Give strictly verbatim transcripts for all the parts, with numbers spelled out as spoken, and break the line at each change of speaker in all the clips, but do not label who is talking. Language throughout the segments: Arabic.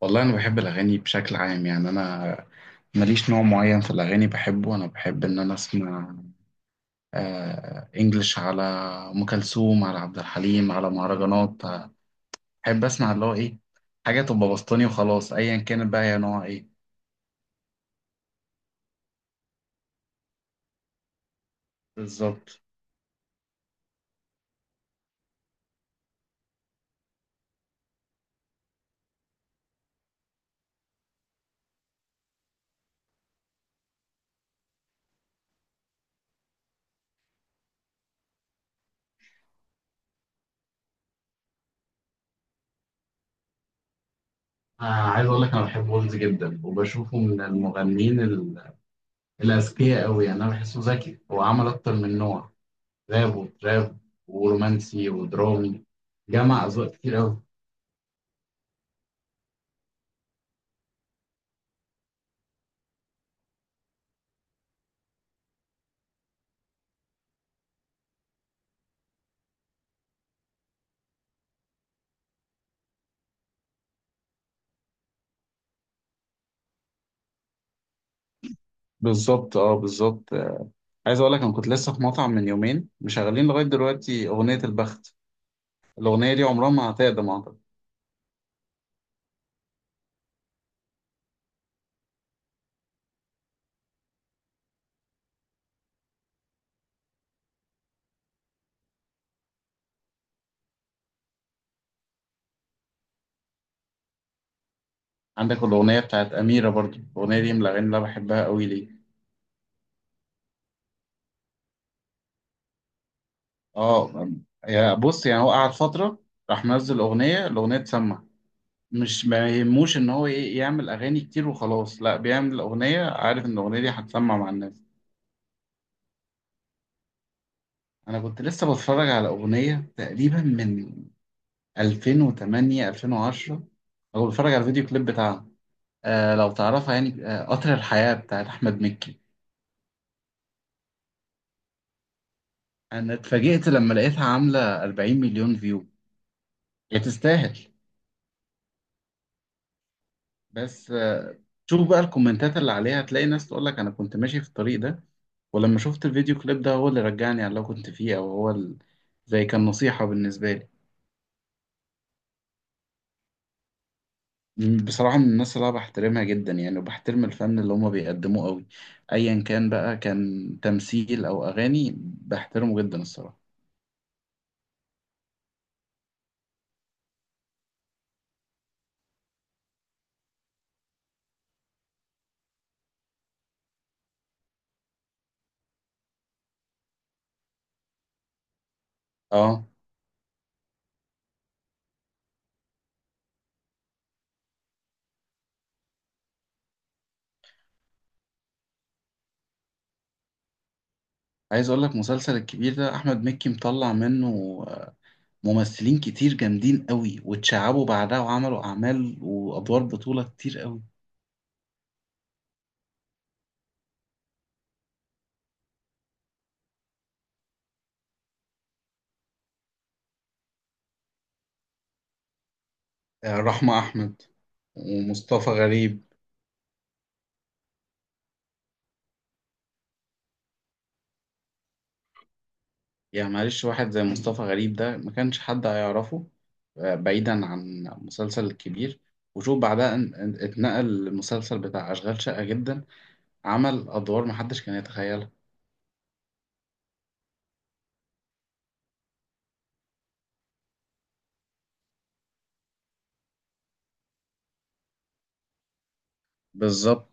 والله أنا بحب الأغاني بشكل عام. يعني أنا ماليش نوع معين في الأغاني بحبه. أنا بحب إن أنا أسمع آه إنجلش، على أم كلثوم، على عبد الحليم، على مهرجانات. آه، بحب أسمع اللي هو إيه، حاجة تبقى بسطاني وخلاص، أيا كانت بقى هي نوع إيه. بالظبط. آه عايز اقول لك انا بحب ويلز جدا، وبشوفه من المغنيين ال- الاذكياء قوي. يعني انا بحسه ذكي، هو عمل اكتر من نوع، راب وتراب ورومانسي ودرامي، جمع اذواق كتير قوي. بالظبط، اه بالظبط. عايز اقول لك انا كنت لسه في مطعم من يومين، مشغلين لغايه دلوقتي اغنيه البخت. الاغنيه دي عمرها ما هتقدم اعتقد. عندك الاغنيه بتاعت اميره برضو، الاغنيه دي من الاغاني اللي انا بحبها قوي ليه. اه. يا بص، يعني هو قعد فتره راح منزل اغنيه، الاغنيه تسمع. مش ما يهموش ان هو ايه، يعمل اغاني كتير وخلاص. لا، بيعمل اغنيه عارف ان الاغنيه دي هتسمع مع الناس. انا كنت لسه بتفرج على اغنيه تقريبا من ألفين وتمنية، ألفين وعشرة، او بتفرج على الفيديو كليب بتاعها. آه لو تعرفها، يعني آه قطر الحياة بتاعت أحمد مكي. أنا اتفاجئت لما لقيتها عاملة أربعين مليون فيو. هي تستاهل. بس آه، شوف بقى الكومنتات اللي عليها هتلاقي ناس تقول لك أنا كنت ماشي في الطريق ده، ولما شفت الفيديو كليب ده هو اللي رجعني على اللي أنا كنت فيه، أو هو ال... زي كان نصيحة بالنسبة لي. م- بصراحة من الناس اللي أنا بحترمها جدا، يعني وبحترم الفن اللي هما بيقدموه قوي، أيا كان بقى كان تمثيل أو أغاني، بحترمه جدا الصراحة. اه عايز اقول لك مسلسل الكبير ده احمد مكي مطلع منه آه، ممثلين كتير جامدين قوي، واتشعبوا بعدها وعملوا اعمال وادوار بطولة كتير قوي. آه، رحمة احمد ومصطفى غريب. يعني معلش واحد زي مصطفى غريب ده ما كانش حد هيعرفه. آه، بعيدا عن مسلسل الكبير، وشوف بعدها ان- ان- اتنقل للمسلسل بتاع أشغال شقة جدا، عمل أدوار محدش كان يتخيلها. بالظبط.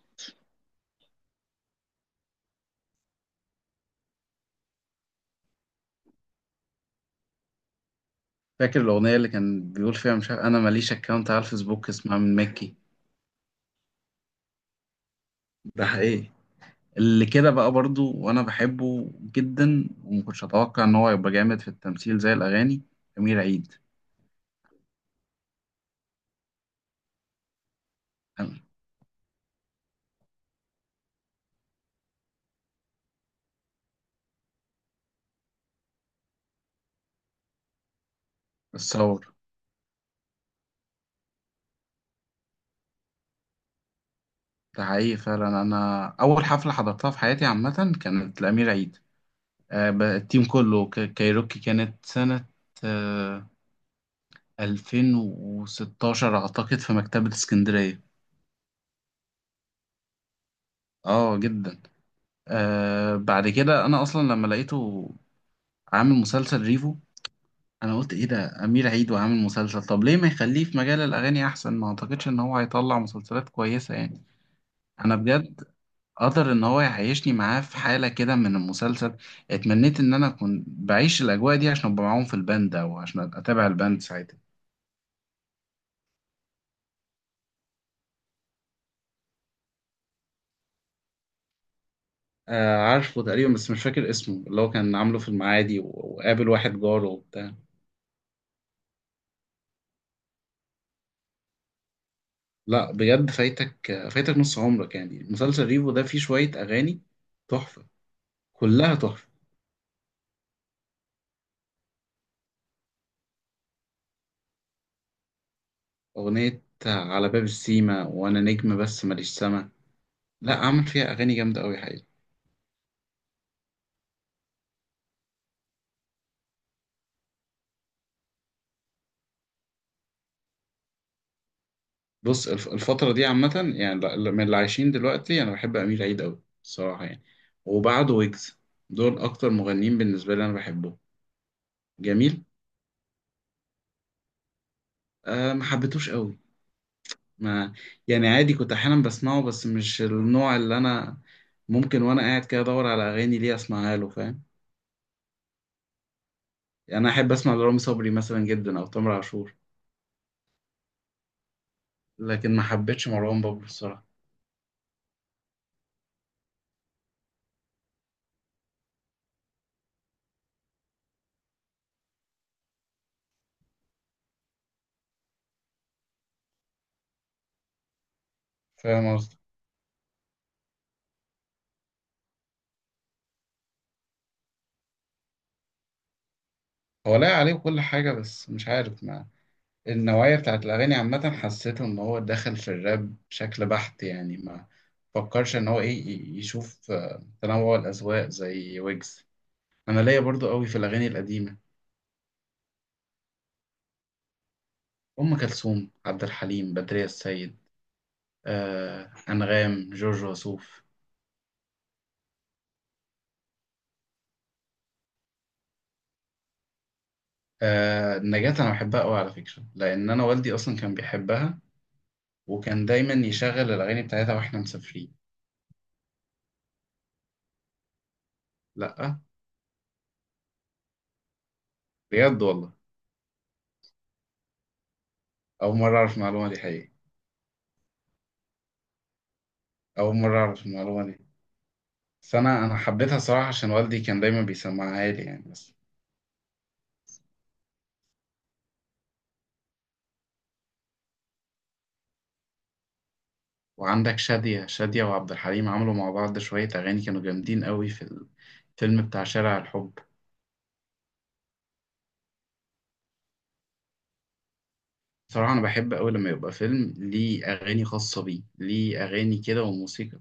فاكر الأغنية اللي كان بيقول فيها مش عارف أنا ماليش أكاونت على الفيسبوك، اسمها من مكي. ده حقيقي. اللي كده بقى برضو وانا بحبه جدا ومكنتش اتوقع ان هو يبقى جامد في التمثيل زي الاغاني، امير عيد. الثور. ده حقيقي فعلا، انا اول حفله حضرتها في حياتي عامه كانت لامير عيد. آه، ب- التيم كله ك- كايروكي، كانت سنه آه، ألفين وستاشر اعتقد في مكتبه اسكندريه. اه جدا. آه بعد كده انا اصلا لما لقيته عامل مسلسل ريفو، انا قلت ايه ده امير عيد وعامل مسلسل؟ طب ليه ما يخليه في مجال الاغاني احسن؟ ما اعتقدش ان هو هيطلع مسلسلات كويسه يعني. انا بجد، قدر ان هو يعيشني معاه في حاله كده من المسلسل. اتمنيت ان انا اكون بعيش الاجواء دي عشان ابقى معاهم في الباند، او عشان اتابع الباند ساعتها. آه عارفه تقريبا بس مش فاكر اسمه، اللي هو كان عامله في المعادي و- وقابل واحد جاره وبتاع. لا بجد فايتك، فايتك نص عمرك يعني. مسلسل ريفو ده فيه شويه اغاني تحفه، كلها تحفه. أغنية على باب السيما، وأنا نجم بس ماليش سما. لا عمل فيها أغاني جامدة أوي حقيقي. بص الف- الفترة دي عامة، يعني ل- من اللي عايشين دلوقتي أنا بحب أمير عيد أوي الصراحة يعني، وبعده ويجز. دول أكتر مغنيين بالنسبة لي أنا بحبهم. جميل. أه ما حبيتوش أوي. ما يعني عادي كنت أحيانا بسمعه، بس مش النوع اللي أنا ممكن وأنا قاعد كده أدور على أغاني ليه أسمعها له، فاهم. يعني أنا أحب أسمع لرامي صبري مثلا جدا، أو تامر عاشور. لكن ما حبيتش مروان بابلو الصراحة. فاهم قصدي. هو لاقي عليه كل حاجة، بس مش عارف، ما النوعية بتاعت الأغاني عامة حسيته إن هو دخل في الراب بشكل بحت، يعني ما فكرش إن هو إيه، ي- يشوف آه، تنوع الأذواق زي ويجز. أنا ليا برضو قوي في الأغاني القديمة، أم كلثوم، عبد الحليم، بدرية السيد، آه، أنغام، جورج وسوف. آه، نجاة أنا بحبها قوي على فكرة، لأن أنا والدي أصلا كان بيحبها، وكان دايما يشغل الأغاني بتاعتها وإحنا مسافرين. لأ بجد والله؟ أول مرة أعرف المعلومة دي حقيقة. أول مرة أعرف المعلومة دي. بس أنا أنا حبيتها صراحة عشان والدي كان دايما بيسمعها لي يعني، بس. وعندك شادية، شادية وعبد الحليم عملوا مع بعض شوية أغاني كانوا جامدين قوي في الفيلم بتاع شارع الحب. صراحة أنا بحب أوي لما يبقى فيلم ليه أغاني خاصة بيه، ليه أغاني كده وموسيقى.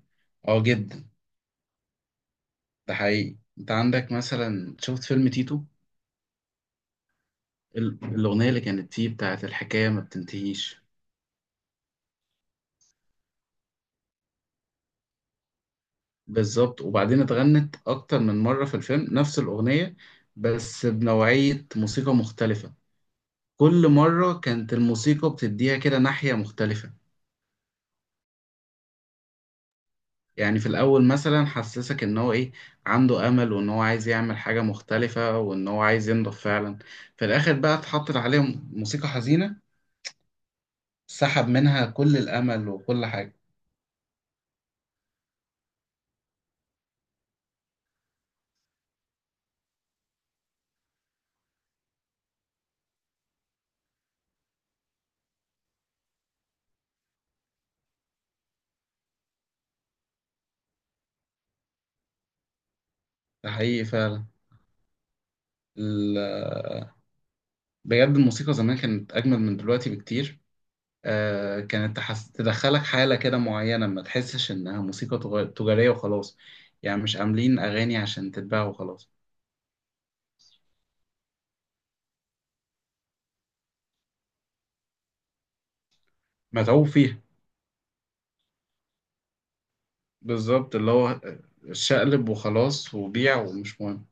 أه جدا. ده حقيقي، أنت عندك مثلا شفت فيلم تيتو، ال- الأغنية اللي كانت فيه بتاعت الحكاية ما بتنتهيش. بالظبط، وبعدين اتغنت اكتر من مره في الفيلم نفس الاغنيه، بس بنوعيه موسيقى مختلفه. كل مره كانت الموسيقى بتديها كده ناحيه مختلفه. يعني في الاول مثلا حسسك ان هو ايه، عنده امل وان هو عايز يعمل حاجه مختلفه، وان هو عايز ينضف فعلا. في الاخر بقى اتحطت عليه م- موسيقى حزينه، سحب منها كل الامل وكل حاجه. ده حقيقي فعلا. ال- بجد الموسيقى زمان كانت اجمل من دلوقتي بكتير. آه، كانت تحس... تدخلك حالة كده معينة، ما تحسش إنها موسيقى تغ- تجارية وخلاص، يعني مش عاملين أغاني عشان تتباع وخلاص. متعوب فيها. بالظبط اللي هو آه، شقلب وخلاص وبيع ومش مهم.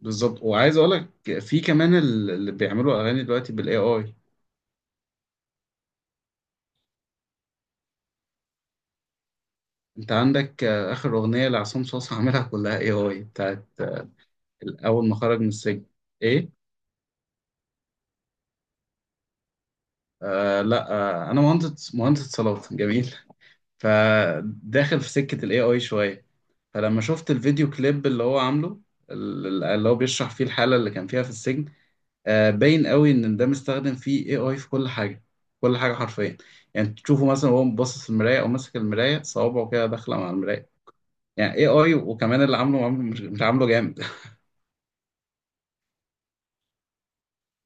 بالظبط. وعايز أقولك في كمان ال- اللي بيعملوا أغاني دلوقتي بال A I. أنت عندك آه، آخر أغنية لعصام صاصا عاملها كلها إيه آي، بتاعت آه، أول ما خرج من السجن. إيه؟ آه لا. آه أنا مهندس، مهندس صلاة جميل. فداخل في سكة الاي اي شوية. فلما شفت الفيديو كليب اللي هو عامله، ال- اللي هو بيشرح فيه الحالة اللي كان فيها في السجن، آه، باين قوي ان ده مستخدم فيه اي اي في كل حاجة، كل حاجة حرفيا. يعني تشوفه مثلا وهو باصص في المراية، او ماسك المراية صوابعه كده داخلة مع المراية. يعني اي اي، وكمان اللي عامله عامله مش مش عامله جامد.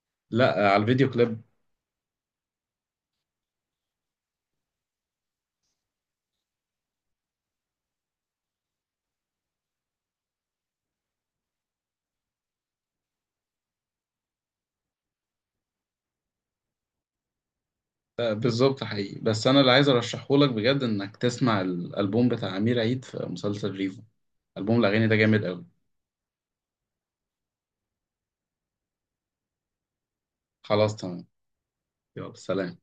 لا آه، على الفيديو كليب. آه، بالظبط حقيقي. بس انا اللي عايز ارشحه لك بجد انك تسمع الالبوم بتاع امير عيد في مسلسل ريفو، البوم الاغاني ده جامد قوي. خلاص تمام. يلا سلام.